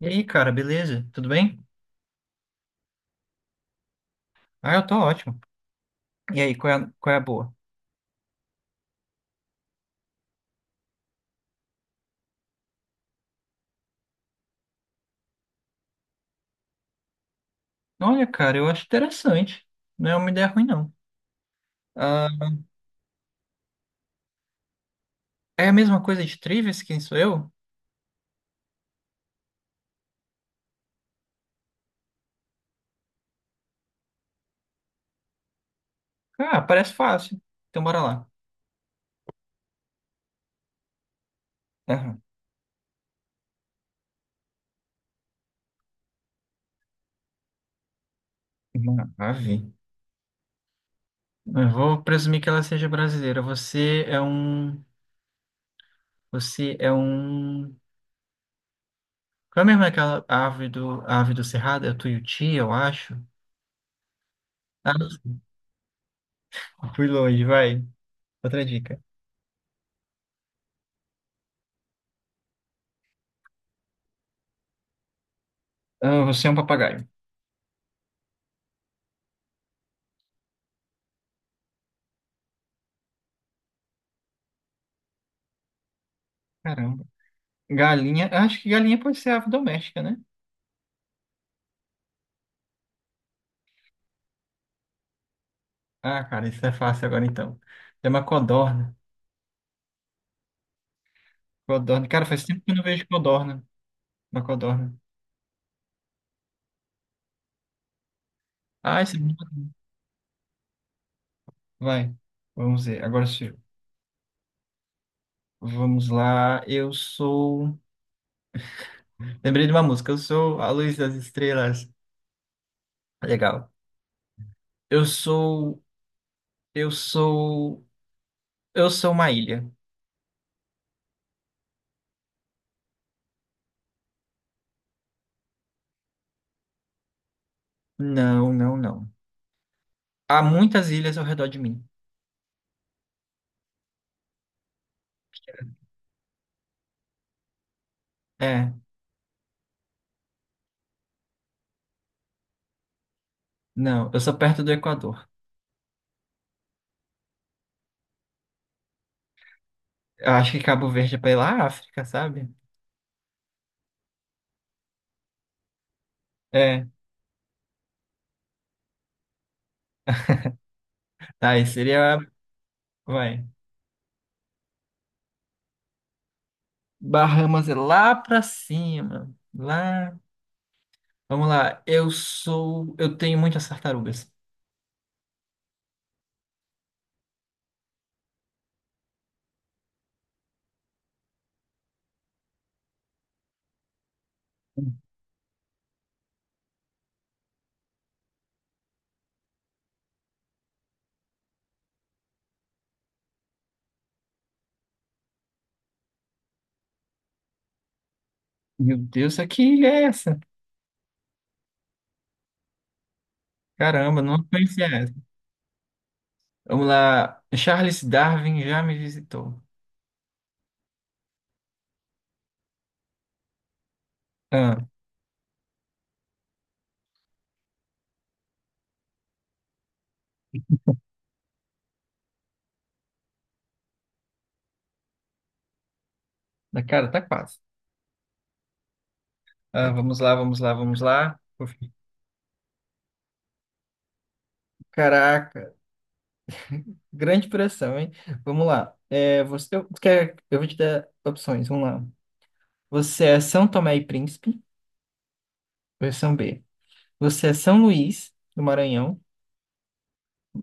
E aí, cara, beleza? Tudo bem? Eu tô ótimo. E aí, qual é, qual é a boa? Olha, cara, eu acho interessante. Não é uma ideia ruim, não. Ah, é a mesma coisa de Trivias, quem sou eu? Ah, parece fácil. Então, bora lá. Ah, maravilha. Eu vou presumir que ela seja brasileira. Você é um... Qual é mesmo aquela ave do, a ave do Cerrado? É o tuiuti, eu acho. Ah, fui longe, vai. Outra dica. Ah, você é um papagaio. Caramba. Galinha, eu acho que galinha pode ser ave doméstica, né? Ah, cara, isso é fácil agora então. É uma codorna. Codorna. Cara, faz tempo que eu não vejo codorna. Uma codorna. Ah, esse... Vai. Vamos ver. Agora sou eu. Vamos lá. Eu sou. Lembrei de uma música. Eu sou a luz das estrelas. Legal. Eu sou. Eu sou. Eu sou uma ilha. Não, não, não. Há muitas ilhas ao redor de mim. É. Não, eu sou perto do Equador. Eu acho que Cabo Verde é pela África, sabe? É. Tá, aí seria. Vai. Bahamas é lá pra cima. Lá. Vamos lá. Eu sou. Eu tenho muitas tartarugas. Meu Deus, isso aqui ilha é essa? Caramba, não conhecia essa. Vamos lá. Charles Darwin já me visitou. Ah, na cara, tá quase. Ah, vamos lá, vamos lá, vamos lá. Caraca, grande pressão, hein? Vamos lá. É, você, eu, quer, eu vou te dar opções, vamos lá. Você é São Tomé e Príncipe, versão B. Você é São Luís, do Maranhão.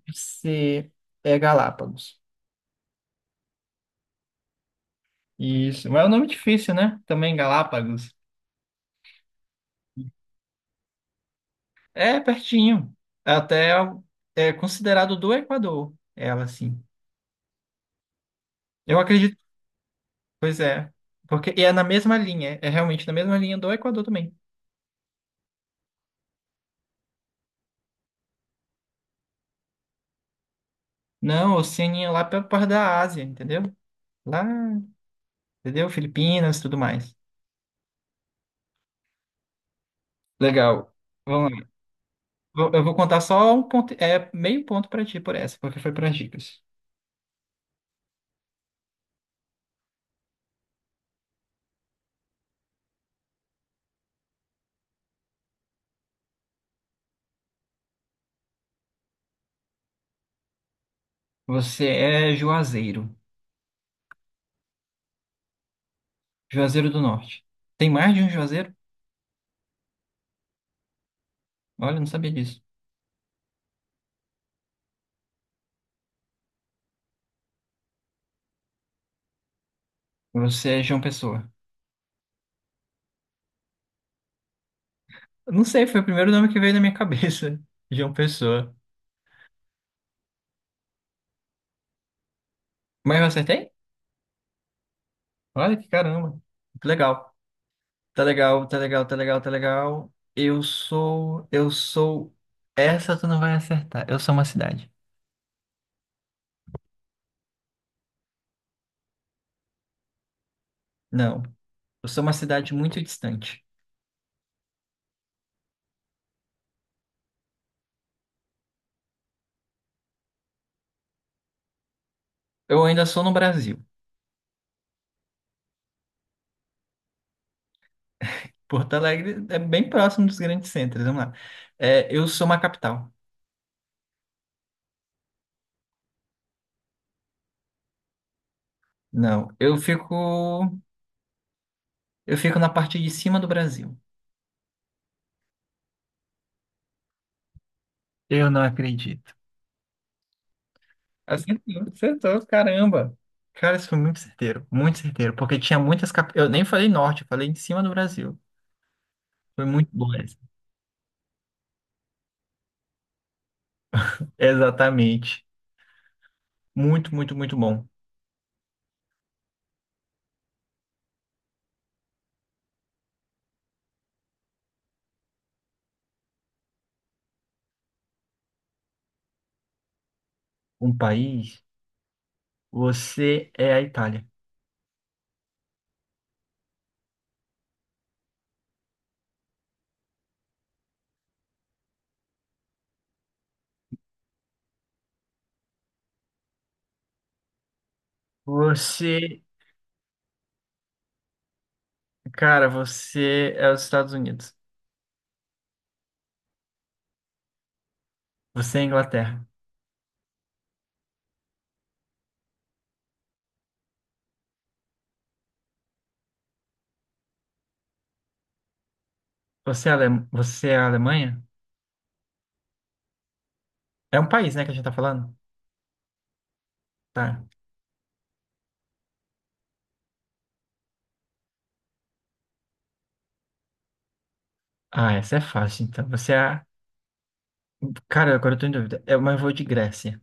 Você é Galápagos. Isso. Mas é um nome difícil, né? Também Galápagos. É pertinho. Até é considerado do Equador, ela, assim. Eu acredito. Pois é. Porque e é na mesma linha. É realmente na mesma linha do Equador também. Não, Oceania lá pela parte da Ásia, entendeu? Lá, entendeu? Filipinas, tudo mais. Legal. Vamos lá. Eu vou contar só um ponto, é meio ponto pra ti por essa, porque foi para dicas. Você é Juazeiro. Juazeiro do Norte. Tem mais de um Juazeiro? Olha, eu não sabia disso. Você é João Pessoa. Eu não sei, foi o primeiro nome que veio na minha cabeça. João Pessoa. Mas eu acertei? Olha que caramba. Que legal. Tá legal, tá legal, tá legal, tá legal. Eu sou. Eu sou. Essa tu não vai acertar. Eu sou uma cidade. Não. Eu sou uma cidade muito distante. Eu ainda sou no Brasil. Porto Alegre é bem próximo dos grandes centros. Vamos lá. É, eu sou uma capital. Não, eu fico na parte de cima do Brasil. Eu não acredito. Acertou, acertou, caramba. Cara, isso foi muito certeiro, porque tinha muitas cap... Eu nem falei norte, eu falei de cima do Brasil. Foi muito bom essa. Exatamente. Muito, muito, muito bom. Um país, você é a Itália. Você, cara, você é os Estados Unidos. Você é a Inglaterra. Você é a Alemanha? É um país, né, que a gente tá falando? Tá. Ah, essa é fácil, então. Você é a cara, agora eu tô em dúvida. É, mas eu vou de Grécia.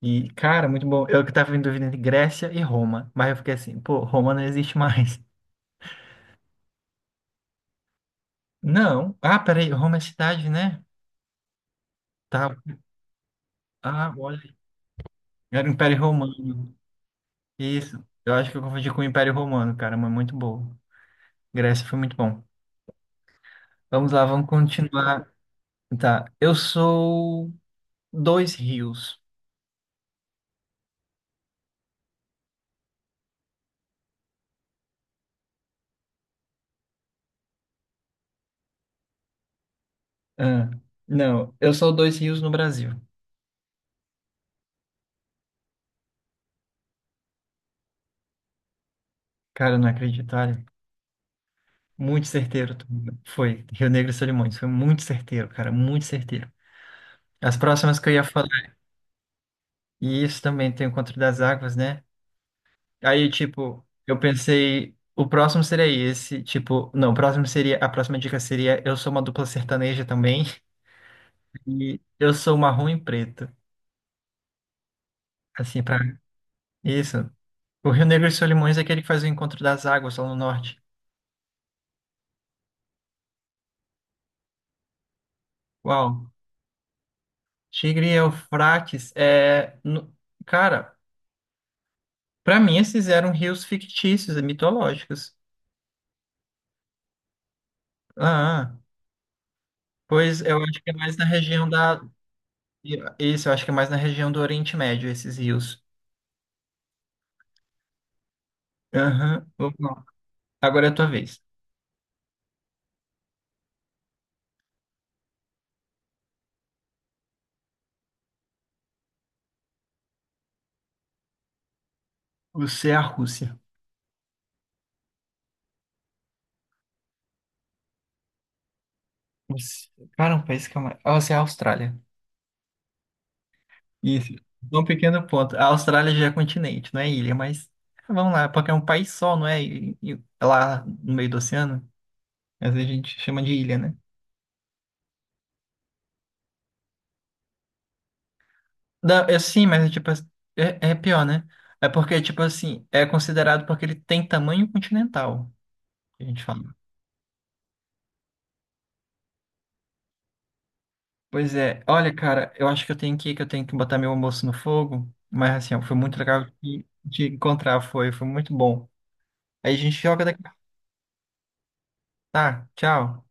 E, cara, muito bom. Eu que tava em dúvida entre Grécia e Roma. Mas eu fiquei assim, pô, Roma não existe mais. Não. Ah, peraí, Roma é cidade, né? Tá. Ah, olha. Era o Império Romano. Isso. Eu acho que eu confundi com o Império Romano, cara, mas muito bom. Grécia foi muito bom. Vamos lá, vamos continuar. Tá. Eu sou dois rios. Ah, não, eu sou dois rios no Brasil. Cara, eu não acredito, olha. Muito certeiro. Tu- Foi. Rio Negro e Solimões. Foi muito certeiro, cara. Muito certeiro. As próximas que eu ia falar. E isso também tem o Conto das Águas, né? Aí, tipo, eu pensei. O próximo seria esse. Tipo, não, o próximo seria. A próxima dica seria: eu sou uma dupla sertaneja também. E eu sou marrom e preto. Assim, pra. Isso. O Rio Negro e Solimões é aquele que faz o Encontro das Águas lá no norte. Uau. Tigre e Eufrates é. No- Cara. Para mim, esses eram rios fictícios e mitológicos. Ah, pois eu acho que é mais na região da. Isso, eu acho que é mais na região do Oriente Médio, esses rios. Aham. Vamos lá. Agora é a tua vez. Você é a Rússia. Você- Cara, um país que é mais. Você é a Austrália. Isso. Um pequeno ponto. A Austrália já é continente, não é ilha, mas vamos lá, porque é um país só, não é? É lá no meio do oceano, mas a gente chama de ilha, né? Não, eu sim, mas é tipo, assim, é, é pior, né? É porque, tipo assim, é considerado porque ele tem tamanho continental, que a gente fala. Pois é, olha, cara, eu acho que eu tenho que ir, que eu tenho que botar meu almoço no fogo, mas assim, ó, foi muito legal de encontrar, foi, foi muito bom. Aí a gente joga daqui. Tá, tchau.